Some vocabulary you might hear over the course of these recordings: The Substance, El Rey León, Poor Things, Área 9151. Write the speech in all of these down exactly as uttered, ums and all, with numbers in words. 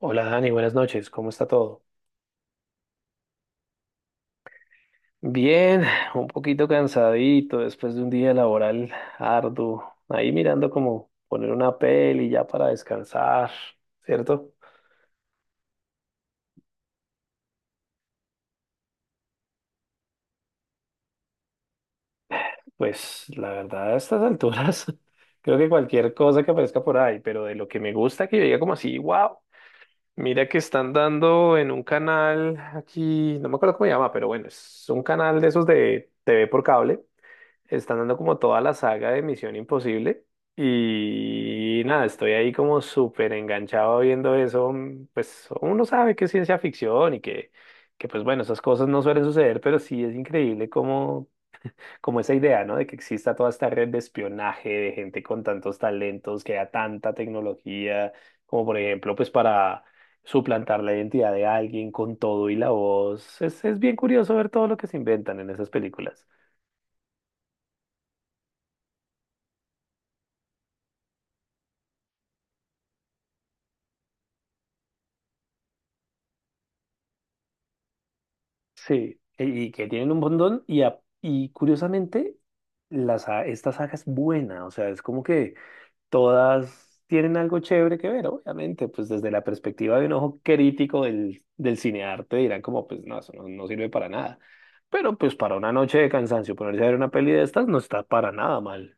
Hola Dani, buenas noches, ¿cómo está todo? Bien, un poquito cansadito después de un día laboral arduo. Ahí mirando como poner una peli ya para descansar, ¿cierto? Pues la verdad, a estas alturas, creo que cualquier cosa que aparezca por ahí, pero de lo que me gusta que yo diga como así, wow, mira que están dando en un canal aquí, no me acuerdo cómo se llama, pero bueno, es un canal de esos de T V por cable. Están dando como toda la saga de Misión Imposible y nada, estoy ahí como súper enganchado viendo eso. Mm, pues uno sabe que es ciencia ficción y que, que pues bueno, esas cosas no suelen suceder, pero sí es increíble como, como esa idea, ¿no? De que exista toda esta red de espionaje, de gente con tantos talentos, que haya tanta tecnología, como por ejemplo, pues para... suplantar la identidad de alguien con todo y la voz. Es, es bien curioso ver todo lo que se inventan en esas películas. Sí, y que tienen un montón y, a- y curiosamente las, sa- esta saga es buena, o sea, es como que todas tienen algo chévere que ver, obviamente, pues desde la perspectiva de un ojo crítico del, del cinearte dirán como, pues no, eso no, no sirve para nada, pero pues para una noche de cansancio ponerse a ver una peli de estas no está para nada mal.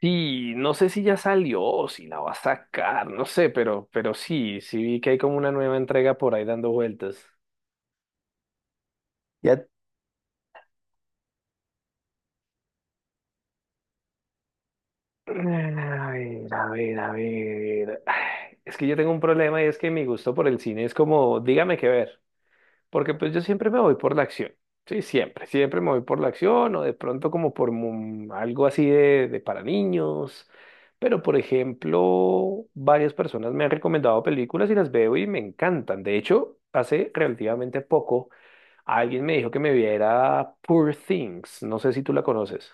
Sí, no sé si ya salió o si la va a sacar, no sé, pero, pero sí, sí vi que hay como una nueva entrega por ahí dando vueltas. ¿Y a, A ver, a ver, a ver. Ay, es que yo tengo un problema y es que mi gusto por el cine es como, dígame qué ver, porque pues yo siempre me voy por la acción, sí, siempre, siempre me voy por la acción o de pronto como por mu- algo así de, de para niños, pero por ejemplo, varias personas me han recomendado películas y las veo y me encantan. De hecho, hace relativamente poco alguien me dijo que me viera Poor Things, no sé si tú la conoces.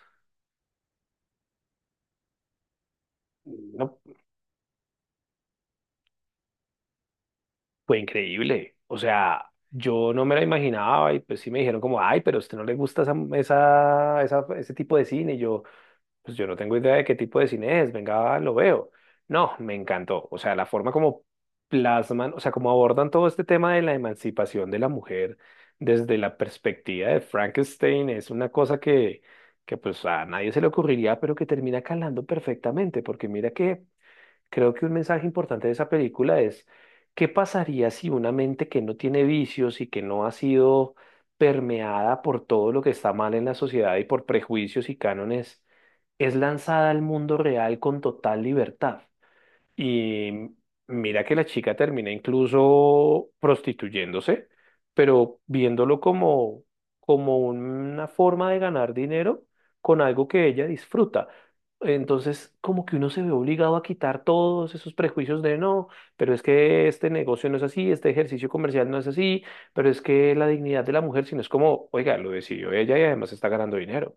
No. Fue increíble. O sea, yo no me la imaginaba y pues sí me dijeron como, ay, pero a usted no le gusta esa, esa, esa- ese tipo de cine. Y yo, pues yo no tengo idea de qué tipo de cine es, venga, lo veo. No, me encantó. O sea, la forma como plasman, o sea, como abordan todo este tema de la emancipación de la mujer desde la perspectiva de Frankenstein es una cosa que, que pues a nadie se le ocurriría, pero que termina calando perfectamente, porque mira que... Creo que un mensaje importante de esa película es, ¿qué pasaría si una mente que no tiene vicios y que no ha sido permeada por todo lo que está mal en la sociedad y por prejuicios y cánones, es lanzada al mundo real con total libertad? Y mira que la chica termina incluso prostituyéndose, pero viéndolo como, como una forma de ganar dinero con algo que ella disfruta. Entonces, como que uno se ve obligado a quitar todos esos prejuicios de no, pero es que este negocio no es así, este ejercicio comercial no es así, pero es que la dignidad de la mujer, sino es como, oiga, lo decidió ella y además está ganando dinero.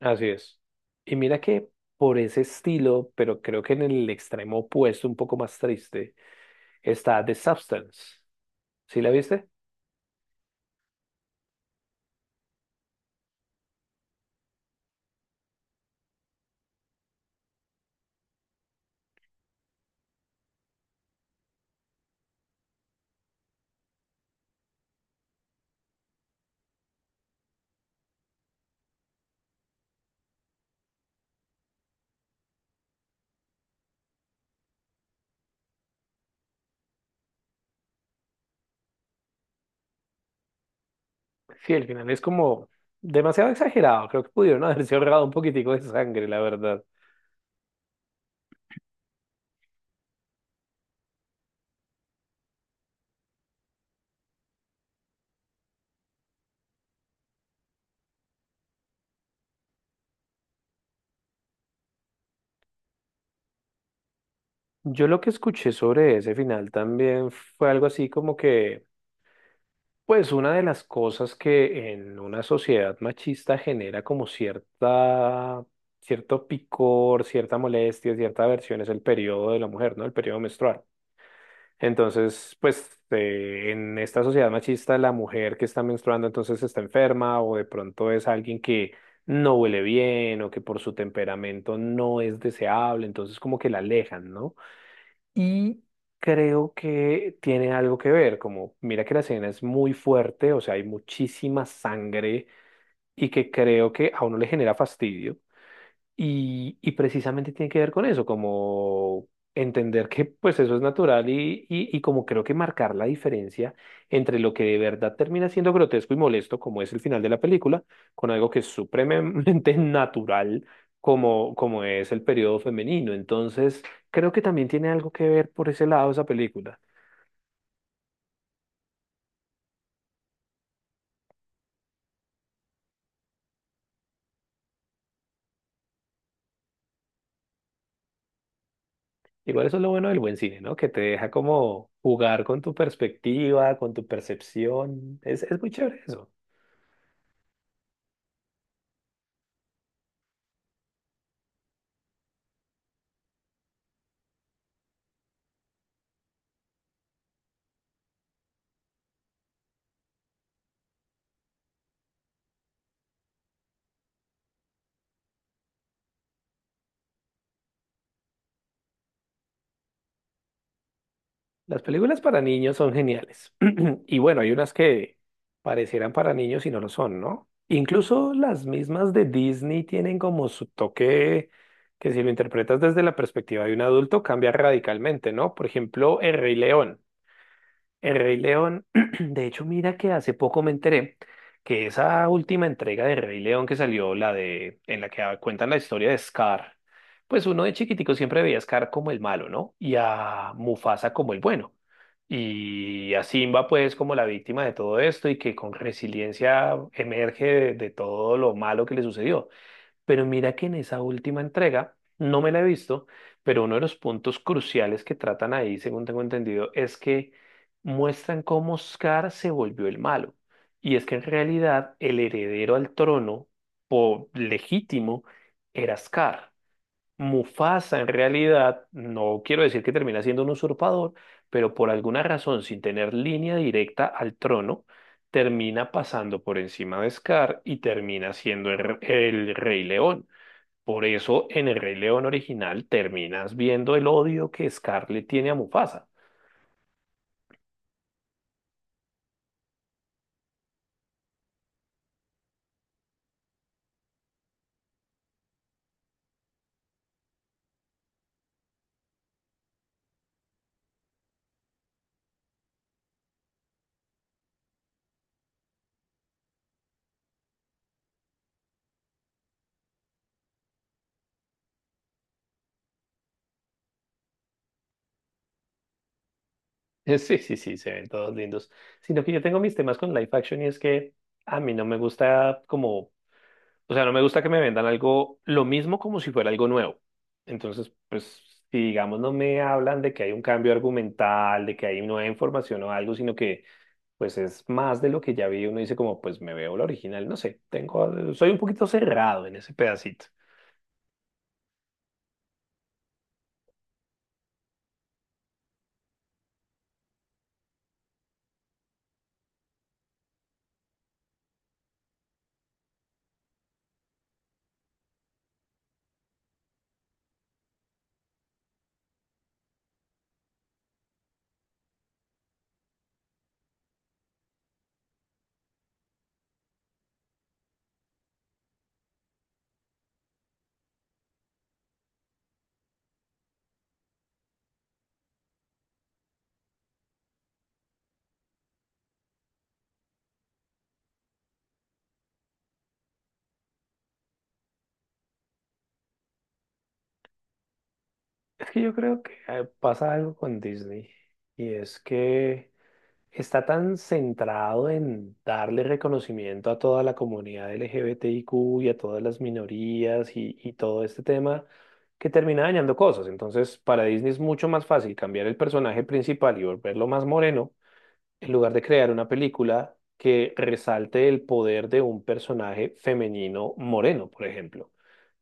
Así es. Y mira que por ese estilo, pero creo que en el extremo opuesto, un poco más triste, está The Substance. ¿Sí la viste? Sí, el final es como demasiado exagerado. Creo que pudieron haberse ahorrado un poquitico de sangre, la verdad. Yo lo que escuché sobre ese final también fue algo así como que, pues una de las cosas que en una sociedad machista genera como cierta, cierto picor, cierta molestia, cierta aversión es el periodo de la mujer, ¿no? El periodo menstrual. Entonces, pues eh, en esta sociedad machista, la mujer que está menstruando entonces está enferma o de pronto es alguien que no huele bien o que por su temperamento no es deseable, entonces como que la alejan, ¿no? Y creo que tiene algo que ver, como mira que la escena es muy fuerte, o sea, hay muchísima sangre y que creo que a uno le genera fastidio. Y, y precisamente tiene que ver con eso, como entender que pues eso es natural y, y, y como creo que marcar la diferencia entre lo que de verdad termina siendo grotesco y molesto, como es el final de la película, con algo que es supremamente natural, como, como es el periodo femenino. Entonces, creo que también tiene algo que ver por ese lado esa película. Igual eso es lo bueno del buen cine, ¿no? Que te deja como jugar con tu perspectiva, con tu percepción. Es, es muy chévere eso. Las películas para niños son geniales. Y bueno, hay unas que parecieran para niños y no lo son, ¿no? Incluso las mismas de Disney tienen como su toque que si lo interpretas desde la perspectiva de un adulto cambia radicalmente, ¿no? Por ejemplo, El Rey León. El Rey León, de hecho, mira que hace poco me enteré que esa última entrega de Rey León que salió, la de, en la que cuentan la historia de Scar, pues uno de chiquitico siempre veía a Scar como el malo, ¿no? Y a Mufasa como el bueno. Y a Simba, pues, como la víctima de todo esto y que con resiliencia emerge de, de todo lo malo que le sucedió. Pero mira que en esa última entrega, no me la he visto, pero uno de los puntos cruciales que tratan ahí, según tengo entendido, es que muestran cómo Scar se volvió el malo. Y es que en realidad el heredero al trono, po- legítimo, era Scar. Mufasa en realidad, no quiero decir que termina siendo un usurpador, pero por alguna razón, sin tener línea directa al trono, termina pasando por encima de Scar y termina siendo el, el Rey León. Por eso en el Rey León original terminas viendo el odio que Scarlett tiene a Mufasa. Sí, sí, sí, se ven todos lindos. Sino que yo tengo mis temas con live action y es que a mí no me gusta como, o sea, no me gusta que me vendan algo, lo mismo como si fuera algo nuevo. Entonces, pues, si digamos no me hablan de que hay un cambio argumental, de que hay nueva información o algo, sino que pues es más de lo que ya vi, uno dice como, pues me veo la original, no sé, tengo, soy un poquito cerrado en ese pedacito. Es que yo creo que eh, pasa algo con Disney y es que está tan centrado en darle reconocimiento a toda la comunidad L G B T I Q y a todas las minorías y, y todo este tema que termina dañando cosas. Entonces, para Disney es mucho más fácil cambiar el personaje principal y volverlo más moreno en lugar de crear una película que resalte el poder de un personaje femenino moreno, por ejemplo.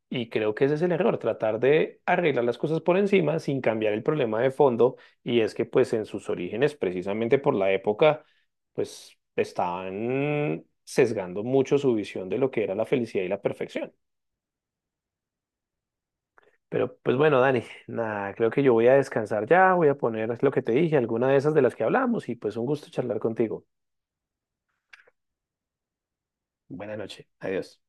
Y creo que ese es el error, tratar de arreglar las cosas por encima sin cambiar el problema de fondo. Y es que pues en sus orígenes, precisamente por la época, pues estaban sesgando mucho su visión de lo que era la felicidad y la perfección. Pero pues bueno, Dani, nada, creo que yo voy a descansar ya, voy a poner lo que te dije, alguna de esas de las que hablamos y pues un gusto charlar contigo. Buenas noches, adiós.